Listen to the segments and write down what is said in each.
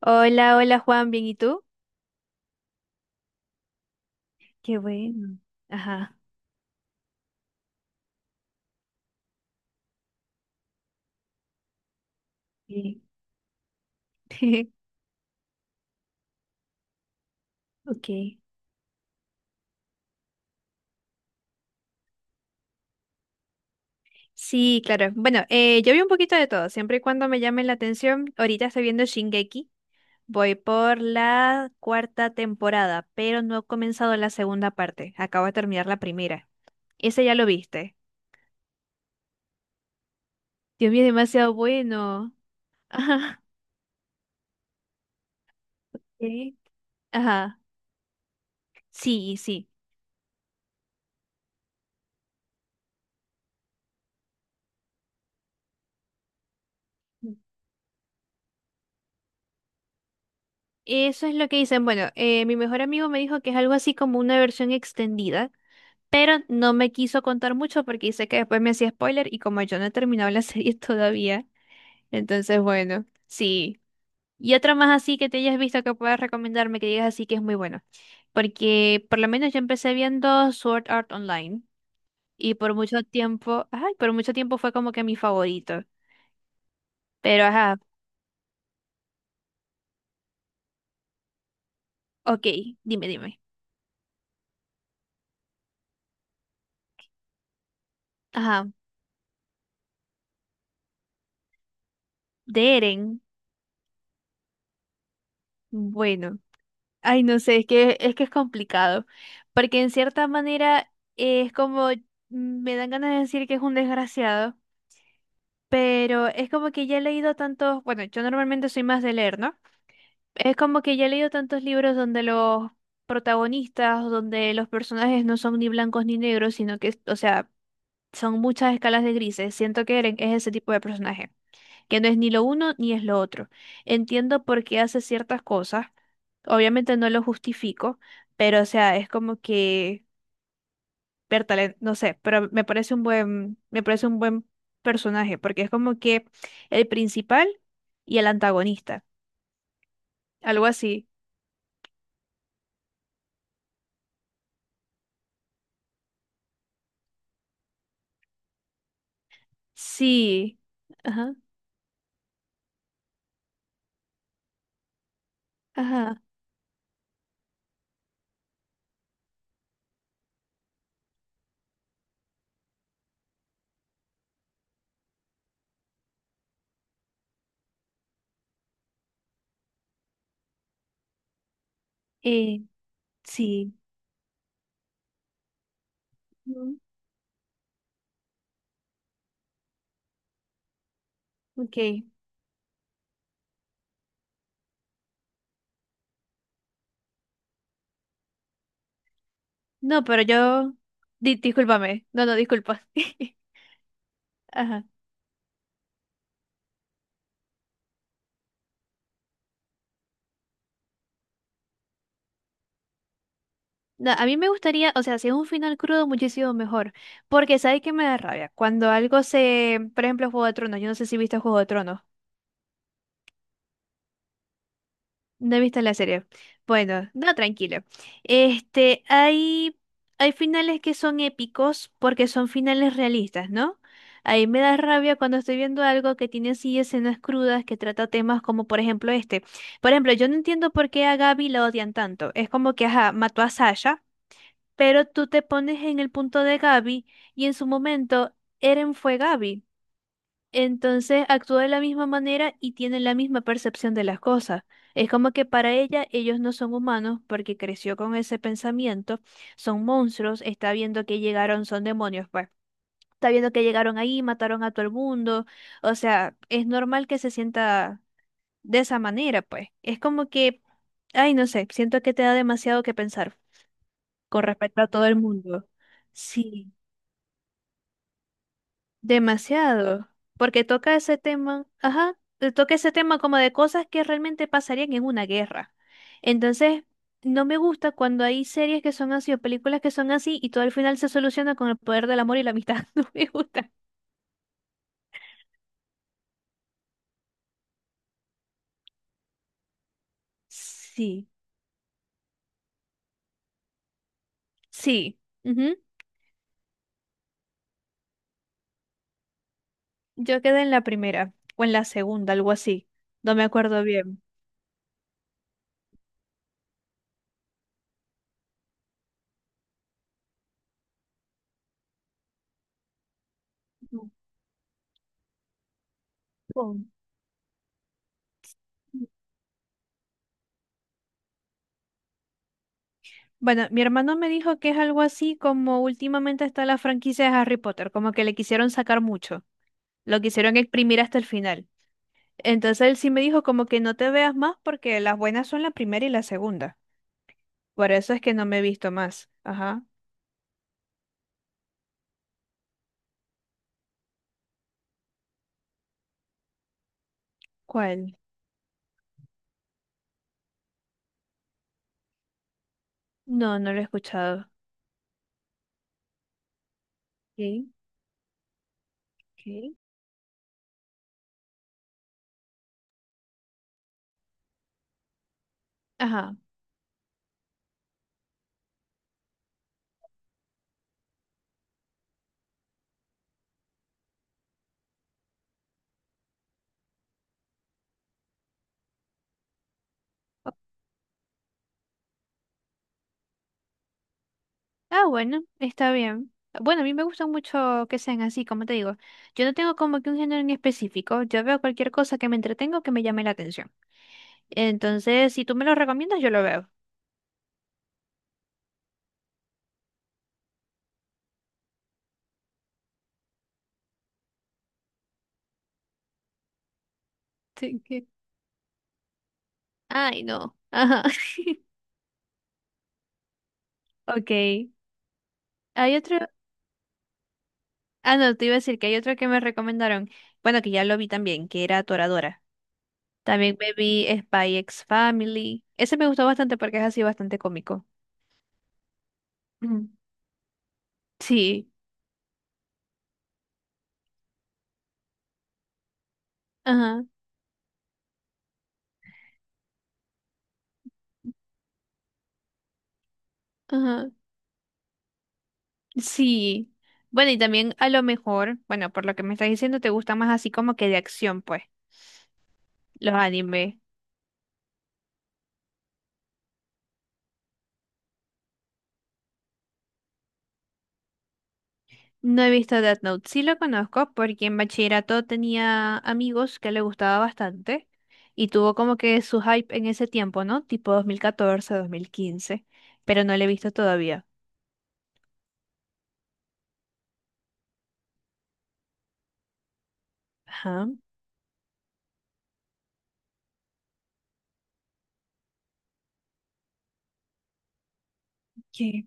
Hola, hola Juan, ¿bien y tú? Qué bueno. Ajá. Sí. Ok. Sí, claro. Bueno, yo vi un poquito de todo, siempre y cuando me llame la atención. Ahorita estoy viendo Shingeki. Voy por la cuarta temporada, pero no he comenzado la segunda parte. Acabo de terminar la primera. Ese ya lo viste. Dios mío, es demasiado bueno. Ajá. Sí. Ajá. Sí, sí. Eso es lo que dicen. Bueno, mi mejor amigo me dijo que es algo así como una versión extendida. Pero no me quiso contar mucho porque dice que después me hacía spoiler y como yo no he terminado la serie todavía, entonces bueno, sí. Y otra más así que te hayas visto que puedas recomendarme, que digas así que es muy bueno. Porque por lo menos yo empecé viendo Sword Art Online y por mucho tiempo, ay, por mucho tiempo fue como que mi favorito. Pero ajá, ok, dime, dime. Ajá, de Eren, bueno. Ay, no sé, es que es complicado, porque en cierta manera es como me dan ganas de decir que es un desgraciado, pero es como que ya he leído tantos, bueno, yo normalmente soy más de leer, ¿no? Es como que ya he leído tantos libros donde los protagonistas, donde los personajes no son ni blancos ni negros, sino que, o sea, son muchas escalas de grises. Siento que Eren es ese tipo de personaje que no es ni lo uno ni es lo otro. Entiendo por qué hace ciertas cosas, obviamente no lo justifico, pero o sea, es como que, Bertale, no sé, pero me parece un buen personaje, porque es como que el principal y el antagonista, algo así. Sí, ajá, ajá, eh, sí, mm, ok. No, pero yo, discúlpame, no, no, disculpa. Ajá. No, a mí me gustaría, o sea, si es un final crudo, muchísimo mejor. Porque, ¿sabes qué me da rabia? Cuando algo se. Por ejemplo, Juego de Tronos. Yo no sé si viste Juego de Tronos. No viste la serie. Bueno, no, tranquilo. Este, hay. Hay finales que son épicos porque son finales realistas, ¿no? Ahí me da rabia cuando estoy viendo algo que tiene así escenas crudas que trata temas como, por ejemplo, este. Por ejemplo, yo no entiendo por qué a Gaby la odian tanto. Es como que, ajá, mató a Sasha. Pero tú te pones en el punto de Gaby y en su momento Eren fue Gaby. Entonces actúa de la misma manera y tiene la misma percepción de las cosas. Es como que para ella ellos no son humanos porque creció con ese pensamiento, son monstruos, está viendo que llegaron, son demonios, pues. Está viendo que llegaron ahí, mataron a todo el mundo. O sea, es normal que se sienta de esa manera, pues. Es como que, ay, no sé, siento que te da demasiado que pensar con respecto a todo el mundo. Sí. Demasiado, porque toca ese tema, ajá, toca ese tema como de cosas que realmente pasarían en una guerra. Entonces, no me gusta cuando hay series que son así o películas que son así y todo al final se soluciona con el poder del amor y la amistad. No me gusta. Sí, sí. Ujú. Yo quedé en la primera o en la segunda, algo así. No me acuerdo bien. Oh. Bueno, mi hermano me dijo que es algo así como últimamente está la franquicia de Harry Potter, como que le quisieron sacar mucho. Lo quisieron exprimir hasta el final. Entonces él sí me dijo como que no te veas más porque las buenas son la primera y la segunda. Por eso es que no me he visto más. Ajá. ¿Cuál? No, no lo he escuchado. Ok, ok. Ajá. O- Ah, bueno, está bien. Bueno, a mí me gusta mucho que sean así, como te digo. Yo no tengo como que un género en específico. Yo veo cualquier cosa que me entretenga o que me llame la atención. Entonces, si tú me lo recomiendas, yo lo veo. Sí. Ay, no. Ajá. Ok. Hay otro. Ah, no, te iba a decir que hay otro que me recomendaron. Bueno, que ya lo vi también, que era Toradora. También me vi Spy X Family. Ese me gustó bastante porque es así bastante cómico. Ujú. Sí. Ajá, ajá. Sí. Bueno, y también a lo mejor, bueno, por lo que me estás diciendo, te gusta más así como que de acción, pues, los animes. No he visto Death Note. Sí lo conozco porque en bachillerato tenía amigos que le gustaba bastante y tuvo como que su hype en ese tiempo, ¿no? Tipo 2014 2015 pero no lo he visto todavía. Ajá. Que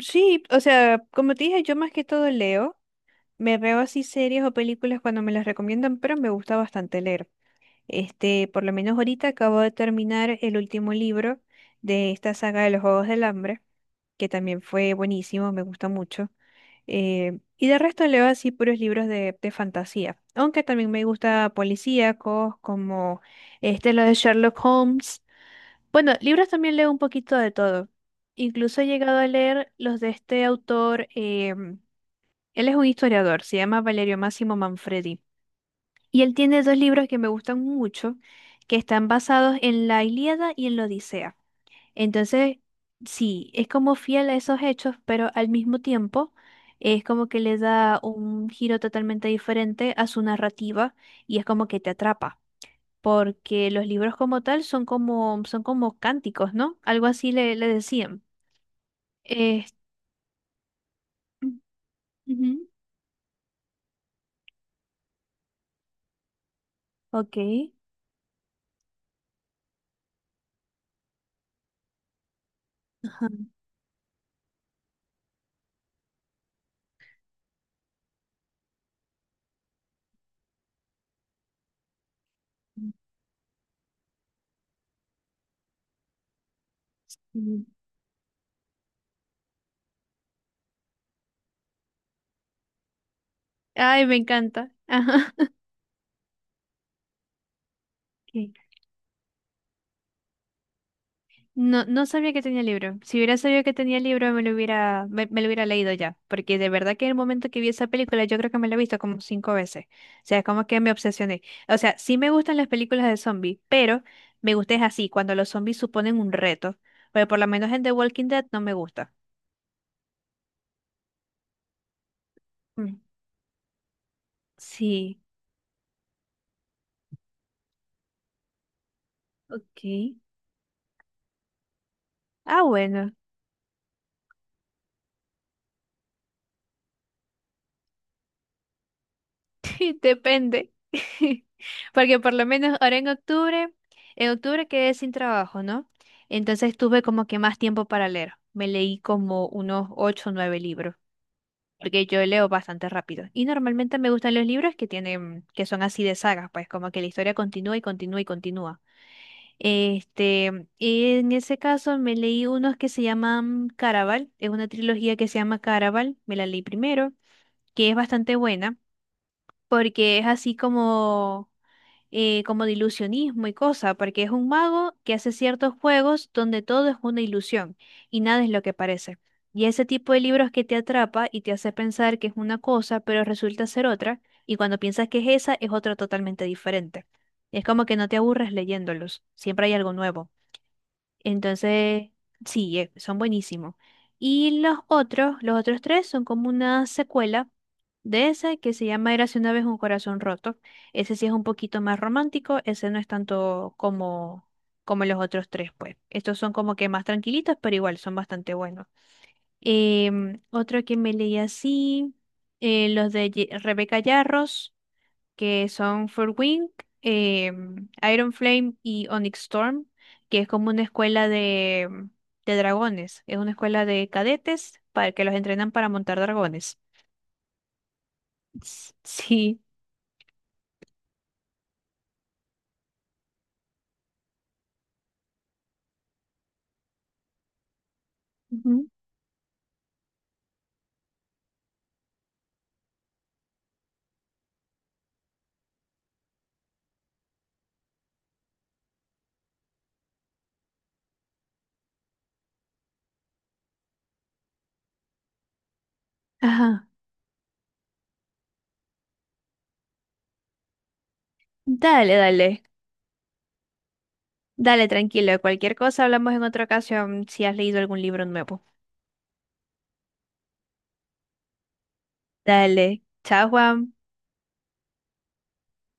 Sí, o sea, como te dije, yo más que todo leo, me veo así series o películas cuando me las recomiendan, pero me gusta bastante leer. Este, por lo menos ahorita acabo de terminar el último libro de esta saga de los Juegos del Hambre, que también fue buenísimo, me gusta mucho. Y de resto leo así puros libros de fantasía, aunque también me gusta policíacos como este, lo de Sherlock Holmes. Bueno, libros también leo un poquito de todo. Incluso he llegado a leer los de este autor, él es un historiador, se llama Valerio Máximo Manfredi. Y él tiene dos libros que me gustan mucho, que están basados en la Ilíada y en la Odisea. Entonces, sí, es como fiel a esos hechos, pero al mismo tiempo es como que le da un giro totalmente diferente a su narrativa y es como que te atrapa, porque los libros como tal son como cánticos, ¿no? Algo así le decían. Es- Ujú. Ok. Ajá. Ujú. Ay, me encanta. Ajá. Ok. No, no sabía que tenía libro. Si hubiera sabido que tenía libro, me lo hubiera leído ya. Porque de verdad que en el momento que vi esa película, yo creo que me la he visto como cinco veces. O sea, es como que me obsesioné. O sea, sí me gustan las películas de zombies, pero me gusta es así, cuando los zombies suponen un reto. Pero por lo menos en The Walking Dead no me gusta. Mm. Sí, ok. Ah, bueno. Depende. Porque por lo menos ahora en octubre quedé sin trabajo, ¿no? Entonces tuve como que más tiempo para leer. Me leí como unos ocho o nueve libros, porque yo leo bastante rápido. Y normalmente me gustan los libros que tienen, que son así de sagas, pues como que la historia continúa y continúa y continúa. Este, en ese caso me leí unos que se llaman Caraval, es una trilogía que se llama Caraval, me la leí primero, que es bastante buena, porque es así como como de ilusionismo y cosa, porque es un mago que hace ciertos juegos donde todo es una ilusión y nada es lo que parece. Y ese tipo de libros que te atrapa y te hace pensar que es una cosa, pero resulta ser otra, y cuando piensas que es esa, es otra totalmente diferente. Es como que no te aburres leyéndolos, siempre hay algo nuevo. Entonces, sí, son buenísimos. Y los otros tres son como una secuela de ese que se llama Érase una vez un corazón roto. Ese sí es un poquito más romántico, ese no es tanto como, como los otros tres, pues. Estos son como que más tranquilitos, pero igual son bastante buenos. Otro que me leí así, los de Rebeca Yarros que son Wing, eh, Iron Flame y Onyx Storm, que es como una escuela de, de dragones. Es una escuela de cadetes para que los entrenan para montar dragones. Sí. Ujú. Ajá. Dale, dale. Dale, tranquilo. Cualquier cosa hablamos en otra ocasión si has leído algún libro nuevo. Dale. Chao, Juan.